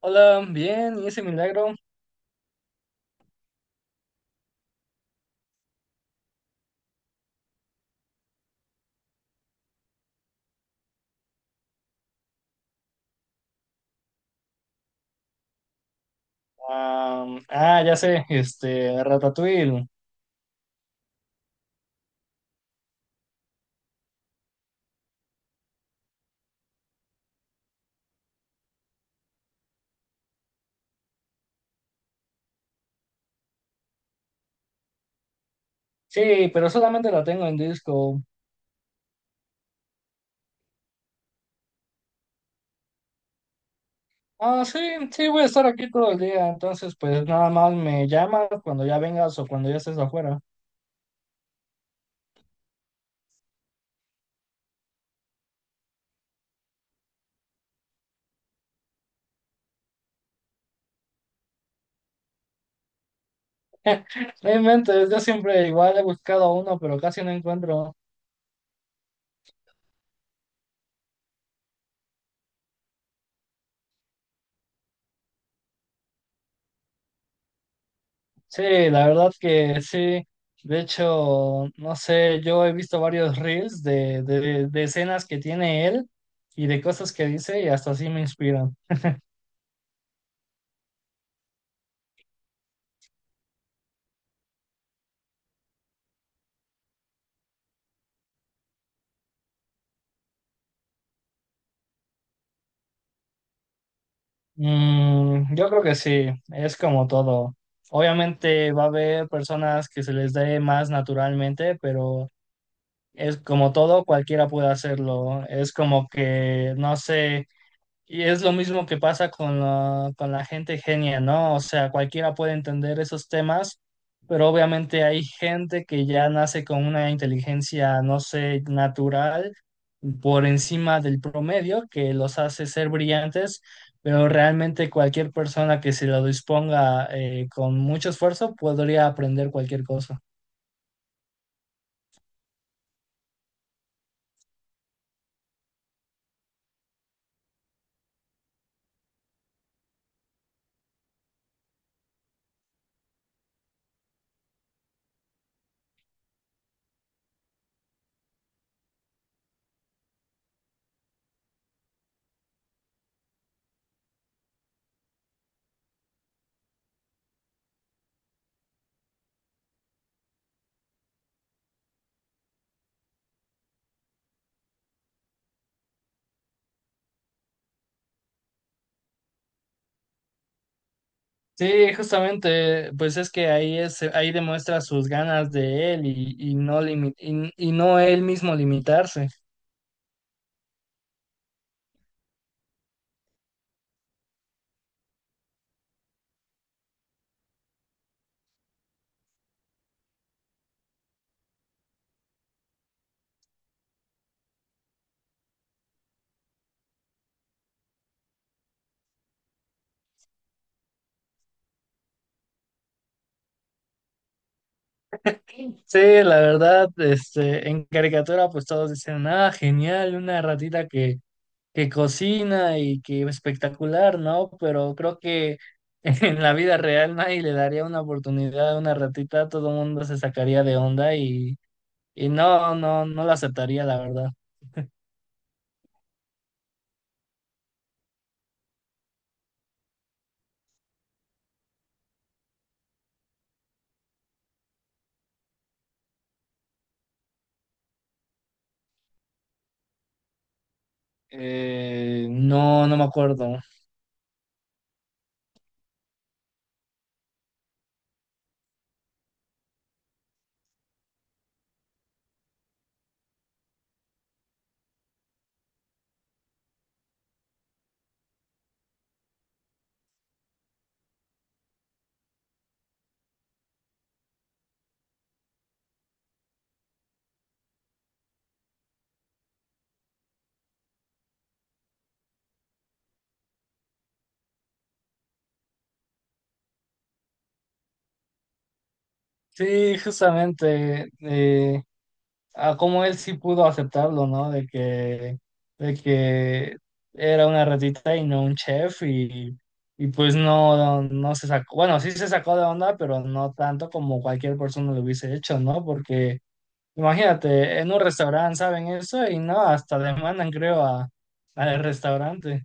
Hola, bien, y ese milagro. Ya sé, Ratatouille. Sí, pero solamente la tengo en disco. Ah, sí, sí, voy a estar aquí todo el día, entonces pues nada más me llamas cuando ya vengas o cuando ya estés afuera. No inventes, yo siempre igual he buscado uno, pero casi no encuentro. Sí, la verdad que sí. De hecho, no sé, yo he visto varios reels de escenas que tiene él y de cosas que dice y hasta así me inspiran. Mm, yo creo que sí, es como todo. Obviamente va a haber personas que se les dé más naturalmente, pero es como todo, cualquiera puede hacerlo. Es como que, no sé. Y es lo mismo que pasa con con la gente genia, ¿no? O sea, cualquiera puede entender esos temas, pero obviamente hay gente que ya nace con una inteligencia, no sé, natural por encima del promedio, que los hace ser brillantes, pero realmente cualquier persona que se lo disponga con mucho esfuerzo podría aprender cualquier cosa. Sí, justamente, pues es que ahí es, ahí demuestra sus ganas de él y, y no él mismo limitarse. Sí, la verdad, este, en caricatura pues todos dicen, ah, genial, una ratita que cocina y que espectacular, ¿no? Pero creo que en la vida real nadie le daría una oportunidad a una ratita, todo el mundo se sacaría de onda y, y no la aceptaría, la verdad. No, no me acuerdo. Sí, justamente, a cómo él sí pudo aceptarlo, ¿no? De que era una ratita y no un chef y pues no, no se sacó, bueno, sí se sacó de onda, pero no tanto como cualquier persona lo hubiese hecho, ¿no? Porque imagínate, en un restaurante saben eso y no, hasta demandan, creo, a, al restaurante.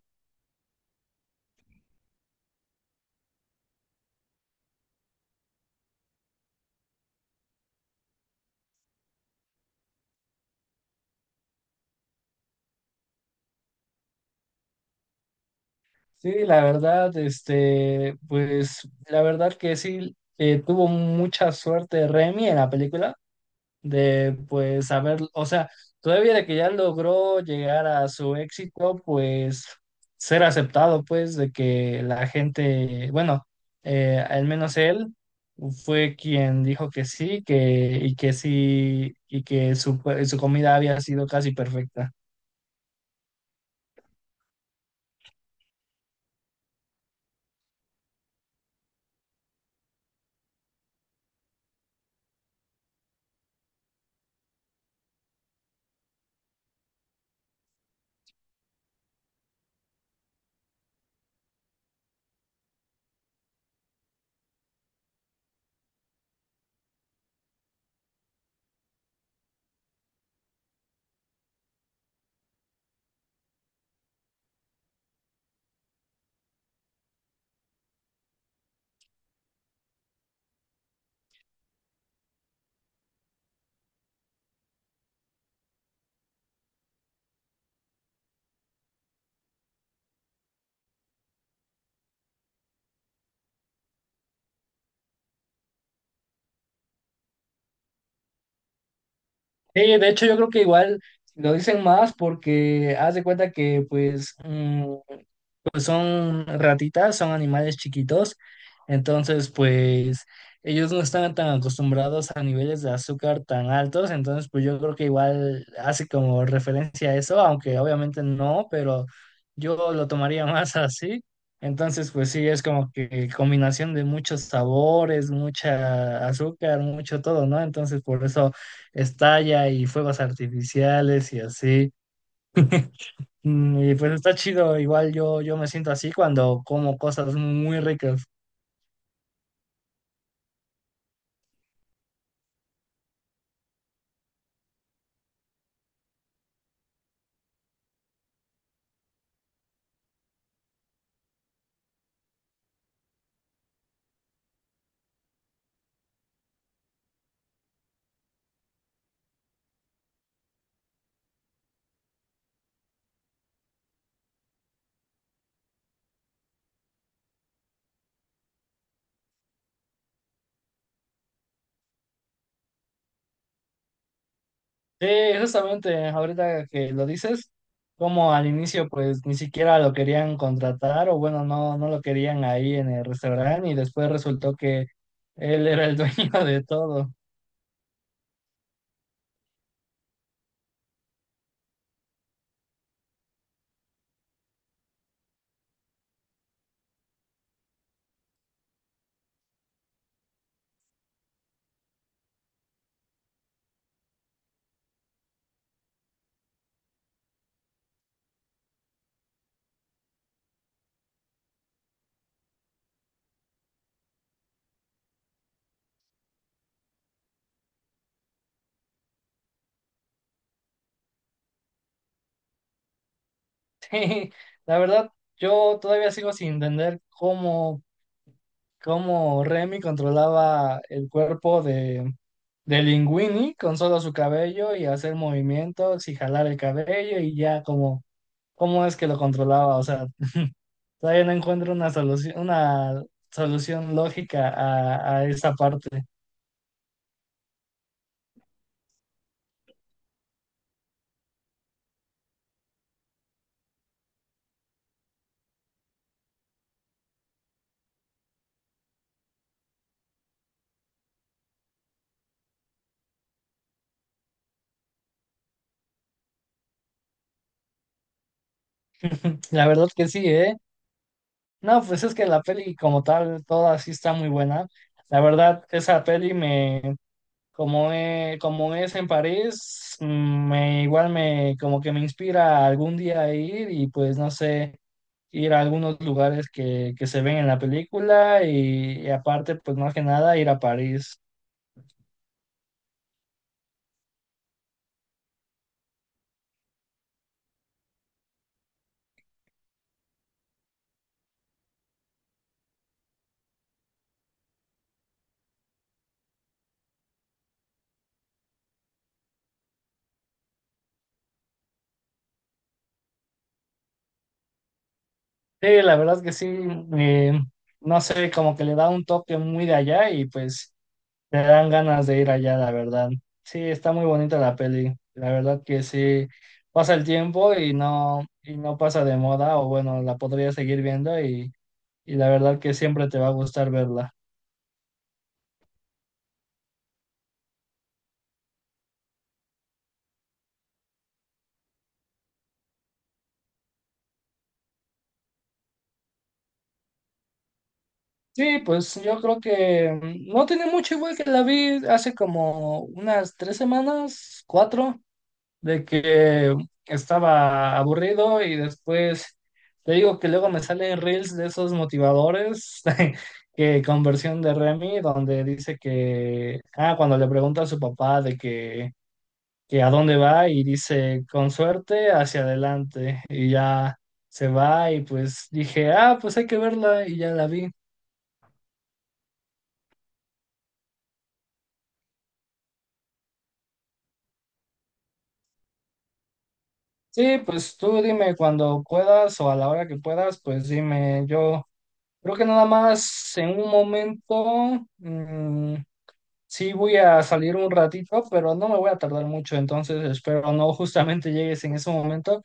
Sí, la verdad, este, pues la verdad que sí, tuvo mucha suerte Remy en la película de pues saber, o sea, todavía de que ya logró llegar a su éxito, pues ser aceptado, pues de que la gente, bueno, al menos él fue quien dijo que sí, que y que sí, y que su, pues, su comida había sido casi perfecta. Sí, de hecho yo creo que igual lo dicen más porque haz de cuenta que pues pues son ratitas, son animales chiquitos, entonces pues ellos no están tan acostumbrados a niveles de azúcar tan altos, entonces pues yo creo que igual hace como referencia a eso, aunque obviamente no, pero yo lo tomaría más así. Entonces, pues sí, es como que combinación de muchos sabores, mucha azúcar, mucho todo, ¿no? Entonces, por eso estalla y fuegos artificiales y así. Mm, y pues está chido, igual yo me siento así cuando como cosas muy ricas. Sí, justamente ahorita que lo dices, como al inicio pues ni siquiera lo querían contratar o bueno, no, no lo querían ahí en el restaurante y después resultó que él era el dueño de todo. Sí, la verdad, yo todavía sigo sin entender cómo Remy controlaba el cuerpo de Linguini con solo su cabello y hacer movimientos y jalar el cabello y ya como cómo es que lo controlaba. O sea, todavía no encuentro una solución lógica a esa parte. La verdad que sí, ¿eh? No, pues es que la peli como tal, toda sí está muy buena. La verdad, esa peli me, como, como es en París, mm, me, igual me como que me inspira algún día a ir y pues no sé, ir a algunos lugares que se ven en la película y aparte pues más que nada ir a París. Sí, la verdad es que sí, eh, no sé, como que le da un toque muy de allá y pues te dan ganas de ir allá, la verdad. Sí, está muy bonita la peli, la verdad que sí, pasa el tiempo y no pasa de moda o bueno, la podría seguir viendo y la verdad que siempre te va a gustar verla. Sí, pues yo creo que no tiene mucho igual que la vi hace como unas 3 semanas, cuatro, de que estaba aburrido y después te digo que luego me salen reels de esos motivadores que con versión de Remy, donde dice que, ah, cuando le pregunta a su papá de que a dónde va y dice, con suerte, hacia adelante. Y ya se va y pues dije, ah, pues hay que verla y ya la vi. Sí, pues tú dime cuando puedas o a la hora que puedas, pues dime, yo creo que nada más en un momento, sí voy a salir un ratito, pero no me voy a tardar mucho, entonces espero no justamente llegues en ese momento,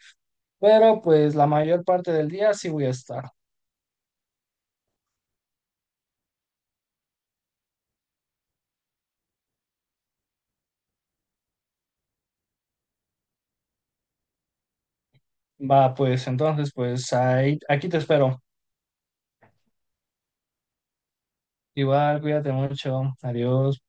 pero pues la mayor parte del día sí voy a estar. Va, pues entonces, pues ahí, aquí te espero. Igual, cuídate mucho. Adiós.